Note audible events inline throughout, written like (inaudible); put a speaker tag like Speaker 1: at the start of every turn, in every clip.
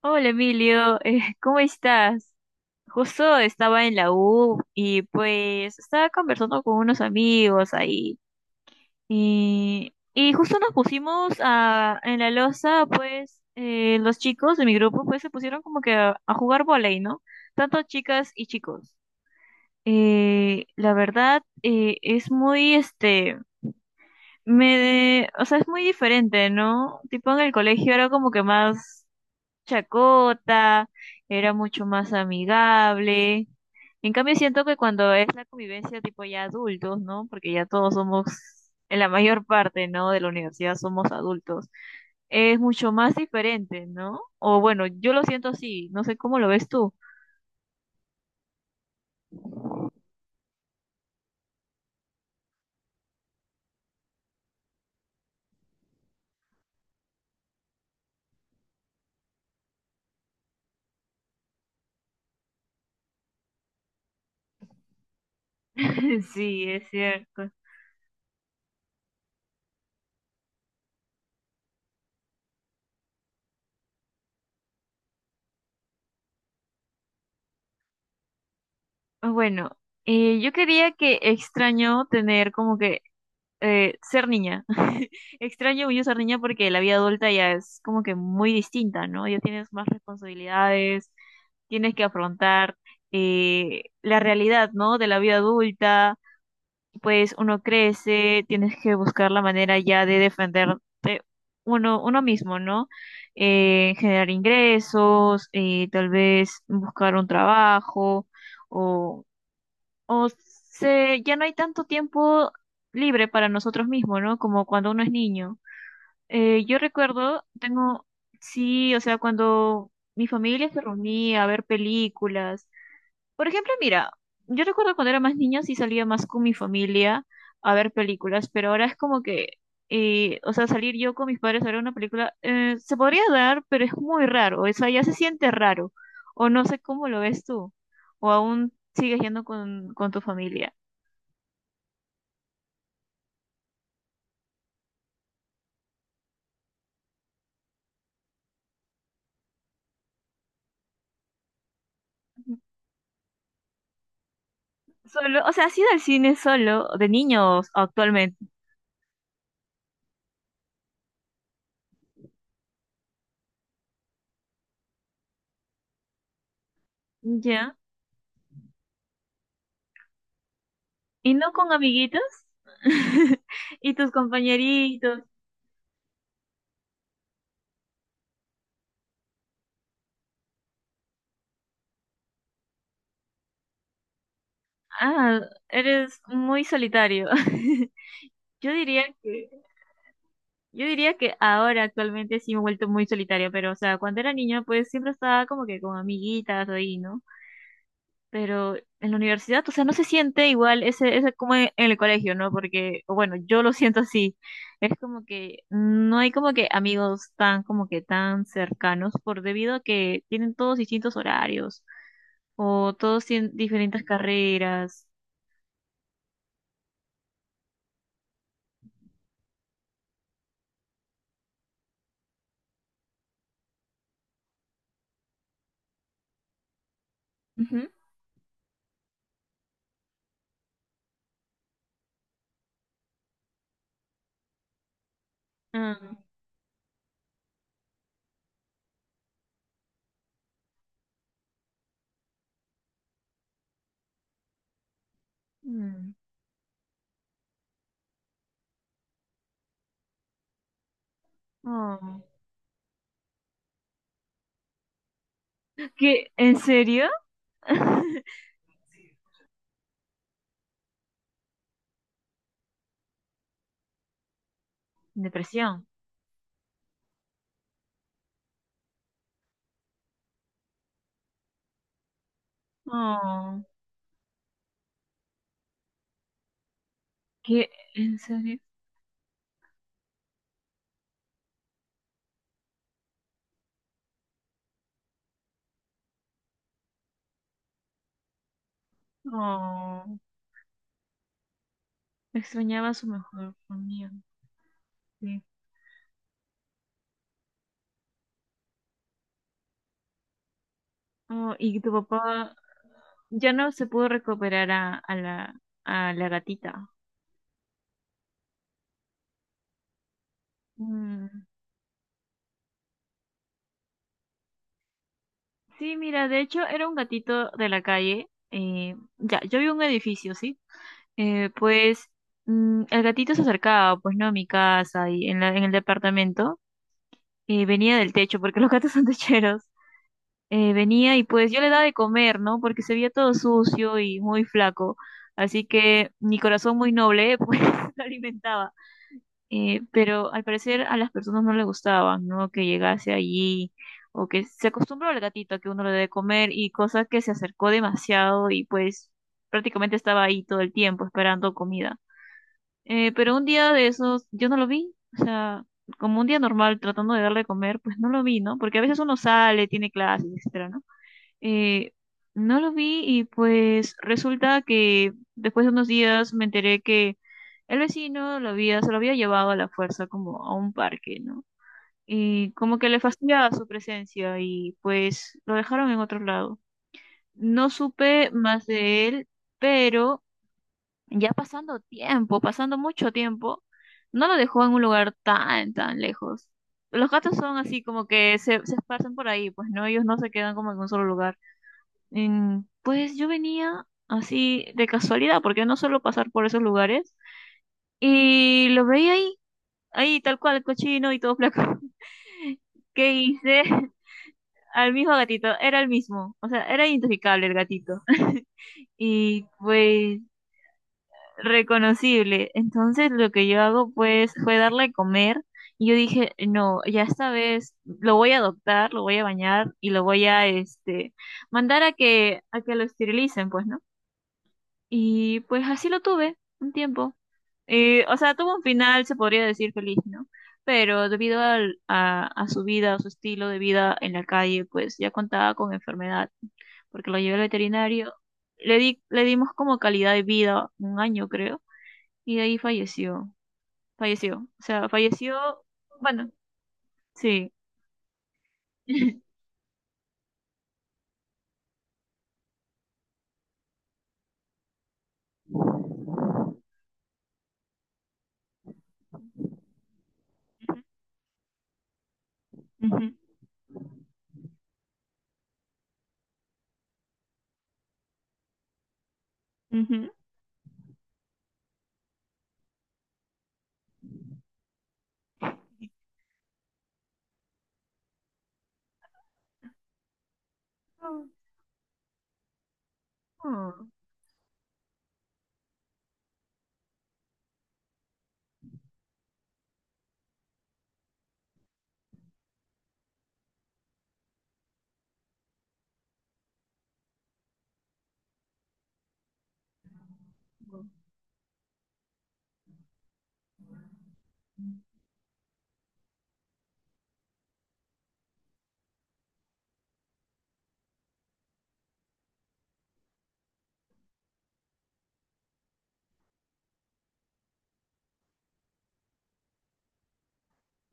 Speaker 1: Hola Emilio, (laughs) ¿cómo estás? Justo estaba en la U y pues estaba conversando con unos amigos ahí y justo nos pusimos a, en la loza, pues los chicos de mi grupo pues se pusieron como que a jugar vóley, ¿no? Tanto chicas y chicos. La verdad es muy este, me, o sea, es muy diferente, ¿no? Tipo en el colegio era como que más chacota, era mucho más amigable. En cambio, siento que cuando es la convivencia tipo ya adultos, ¿no? Porque ya todos somos, en la mayor parte, ¿no? De la universidad somos adultos. Es mucho más diferente, ¿no? O bueno, yo lo siento así, no sé cómo lo ves tú. (laughs) Sí, es cierto. Bueno, yo quería que extraño tener como que ser niña. (laughs) Extraño mucho ser niña porque la vida adulta ya es como que muy distinta, ¿no? Ya tienes más responsabilidades, tienes que afrontar la realidad, ¿no? De la vida adulta, pues uno crece, tienes que buscar la manera ya de defenderte uno mismo, ¿no? Generar ingresos, tal vez buscar un trabajo o o se, ya no hay tanto tiempo libre para nosotros mismos, ¿no? Como cuando uno es niño. Yo recuerdo, tengo, sí, o sea, cuando mi familia se reunía a ver películas. Por ejemplo, mira, yo recuerdo cuando era más niña sí salía más con mi familia a ver películas, pero ahora es como que, o sea, salir yo con mis padres a ver una película, se podría dar, pero es muy raro, o sea, ya se siente raro, o no sé cómo lo ves tú, o aún sigues yendo con tu familia. Solo, o sea, ¿has ido al cine solo, de niños actualmente? Ya. ¿Y no con amiguitos? (laughs) ¿Y tus compañeritos? Ah, eres muy solitario. (laughs) Yo diría que, yo diría que ahora actualmente sí me he vuelto muy solitaria, pero o sea, cuando era niña pues siempre estaba como que con amiguitas ahí, ¿no? Pero en la universidad, o sea, no se siente igual ese, ese como en el colegio, ¿no? Porque, o bueno, yo lo siento así. Es como que no hay como que amigos tan, como que tan cercanos, por debido a que tienen todos distintos horarios, o todos tienen diferentes carreras. Ujú. Ah, mm, oh. ¿Qué? ¿En serio? (laughs) Depresión. Oh, ¿qué? ¿En serio? Oh, extrañaba a su mejor amigo. Sí. Oh, y tu papá ya no se pudo recuperar a la gatita. Mm. Sí, mira, de hecho era un gatito de la calle. Ya, yo vi un edificio, ¿sí? Pues mm, el gatito se acercaba, pues no, a mi casa y en la- en el departamento. Venía del techo, porque los gatos son techeros. Venía y pues yo le daba de comer, ¿no? Porque se veía todo sucio y muy flaco. Así que mi corazón muy noble, (laughs) pues lo alimentaba. Pero al parecer a las personas no les gustaba, ¿no? Que llegase allí o que se acostumbró al gatito a que uno le debe comer y cosas que se acercó demasiado y pues prácticamente estaba ahí todo el tiempo esperando comida. Pero un día de esos yo no lo vi, o sea, como un día normal tratando de darle de comer, pues no lo vi, ¿no? Porque a veces uno sale, tiene clases, etcétera, ¿no? Eh, no lo vi y pues resulta que después de unos días me enteré que el vecino lo había, se lo había llevado a la fuerza como a un parque, ¿no? Y como que le fastidiaba su presencia y pues lo dejaron en otro lado. No supe más de él, pero ya pasando tiempo, pasando mucho tiempo, no lo dejó en un lugar tan, tan lejos. Los gatos son así como que se esparcen por ahí, pues no, ellos no se quedan como en un solo lugar. Mm, pues yo venía así de casualidad, porque no suelo pasar por esos lugares, y lo veía ahí, ahí tal cual, cochino y todo flaco. (laughs) ¿Qué hice? (laughs) Al mismo gatito, era el mismo, o sea, era identificable el gatito. (laughs) Y pues reconocible. Entonces lo que yo hago pues fue darle a comer y yo dije, no, ya esta vez lo voy a adoptar, lo voy a bañar y lo voy a este mandar a que lo esterilicen, pues, ¿no? Y pues así lo tuve un tiempo. O sea, tuvo un final, se podría decir feliz, ¿no? Pero debido al- a su vida, a su estilo de vida en la calle, pues ya contaba con enfermedad, porque lo llevé al veterinario. Le di, le dimos como calidad de vida un año, creo, y de ahí falleció. Falleció. O sea, falleció, bueno, sí. (laughs) Ujú, ujú. Oh, oh,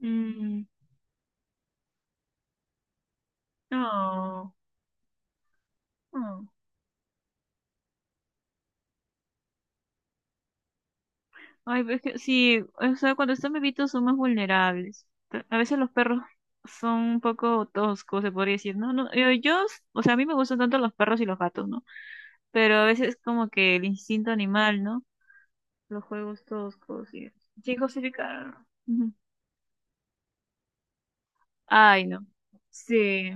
Speaker 1: mm, oh, oh. Ay, pero es que sí, o sea, cuando están bebitos son más vulnerables. Ta- A veces los perros son un poco toscos, se podría decir, ¿no? No, yo, o sea, a mí me gustan tanto los perros y los gatos, ¿no? Pero a veces como que el instinto animal, ¿no? Los juegos toscos y sin justificar. Ujú. Ay, no. Sí,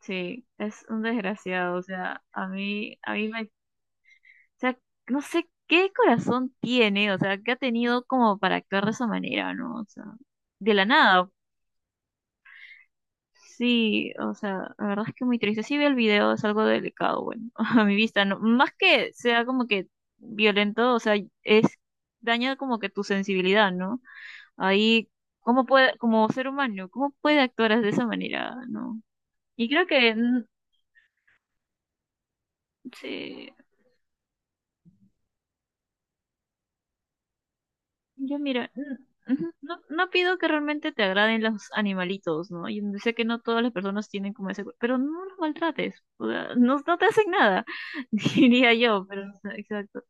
Speaker 1: sí, es un desgraciado, o sea, a mí me, o sea, no sé qué corazón tiene, o sea, que ha tenido como para actuar de esa manera, ¿no? O sea, de la nada, sí, o sea, la verdad es que muy triste. Sí vi el video, es algo delicado, bueno, (laughs) a mi vista, no, más que sea como que violento, o sea, es daña como que tu sensibilidad, ¿no? Ahí, ¿cómo puede, como ser humano, cómo puede actuar de esa manera, ¿no? Y creo que, mm, sí, yo mira, mm, ujú, no, no pido que realmente te agraden los animalitos, ¿no? Yo sé que no todas las personas tienen como ese, pero no los maltrates, o sea, no, no te hacen nada, (laughs) diría yo, pero, o sea, exacto.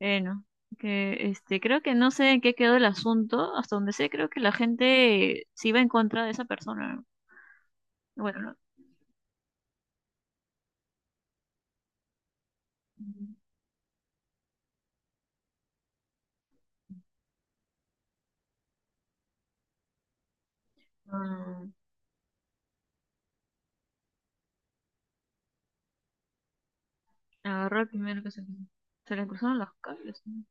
Speaker 1: Bueno, que este, creo que no sé en qué quedó el asunto. Hasta donde sé, creo que la gente se iba en contra de esa persona. ¿No? Bueno, no. Mm, agarró el primero que se le cruzaron los cables. ¿No?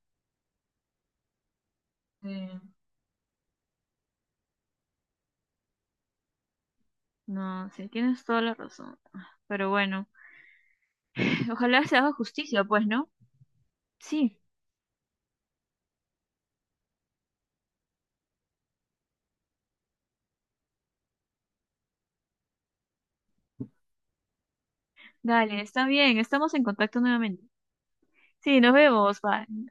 Speaker 1: Eh, no, sí, tienes toda la razón. Pero bueno, (laughs) (sighs) ojalá se haga justicia, pues, ¿no? Sí, dale, está bien, estamos en contacto nuevamente. Sí, nos vemos, bye.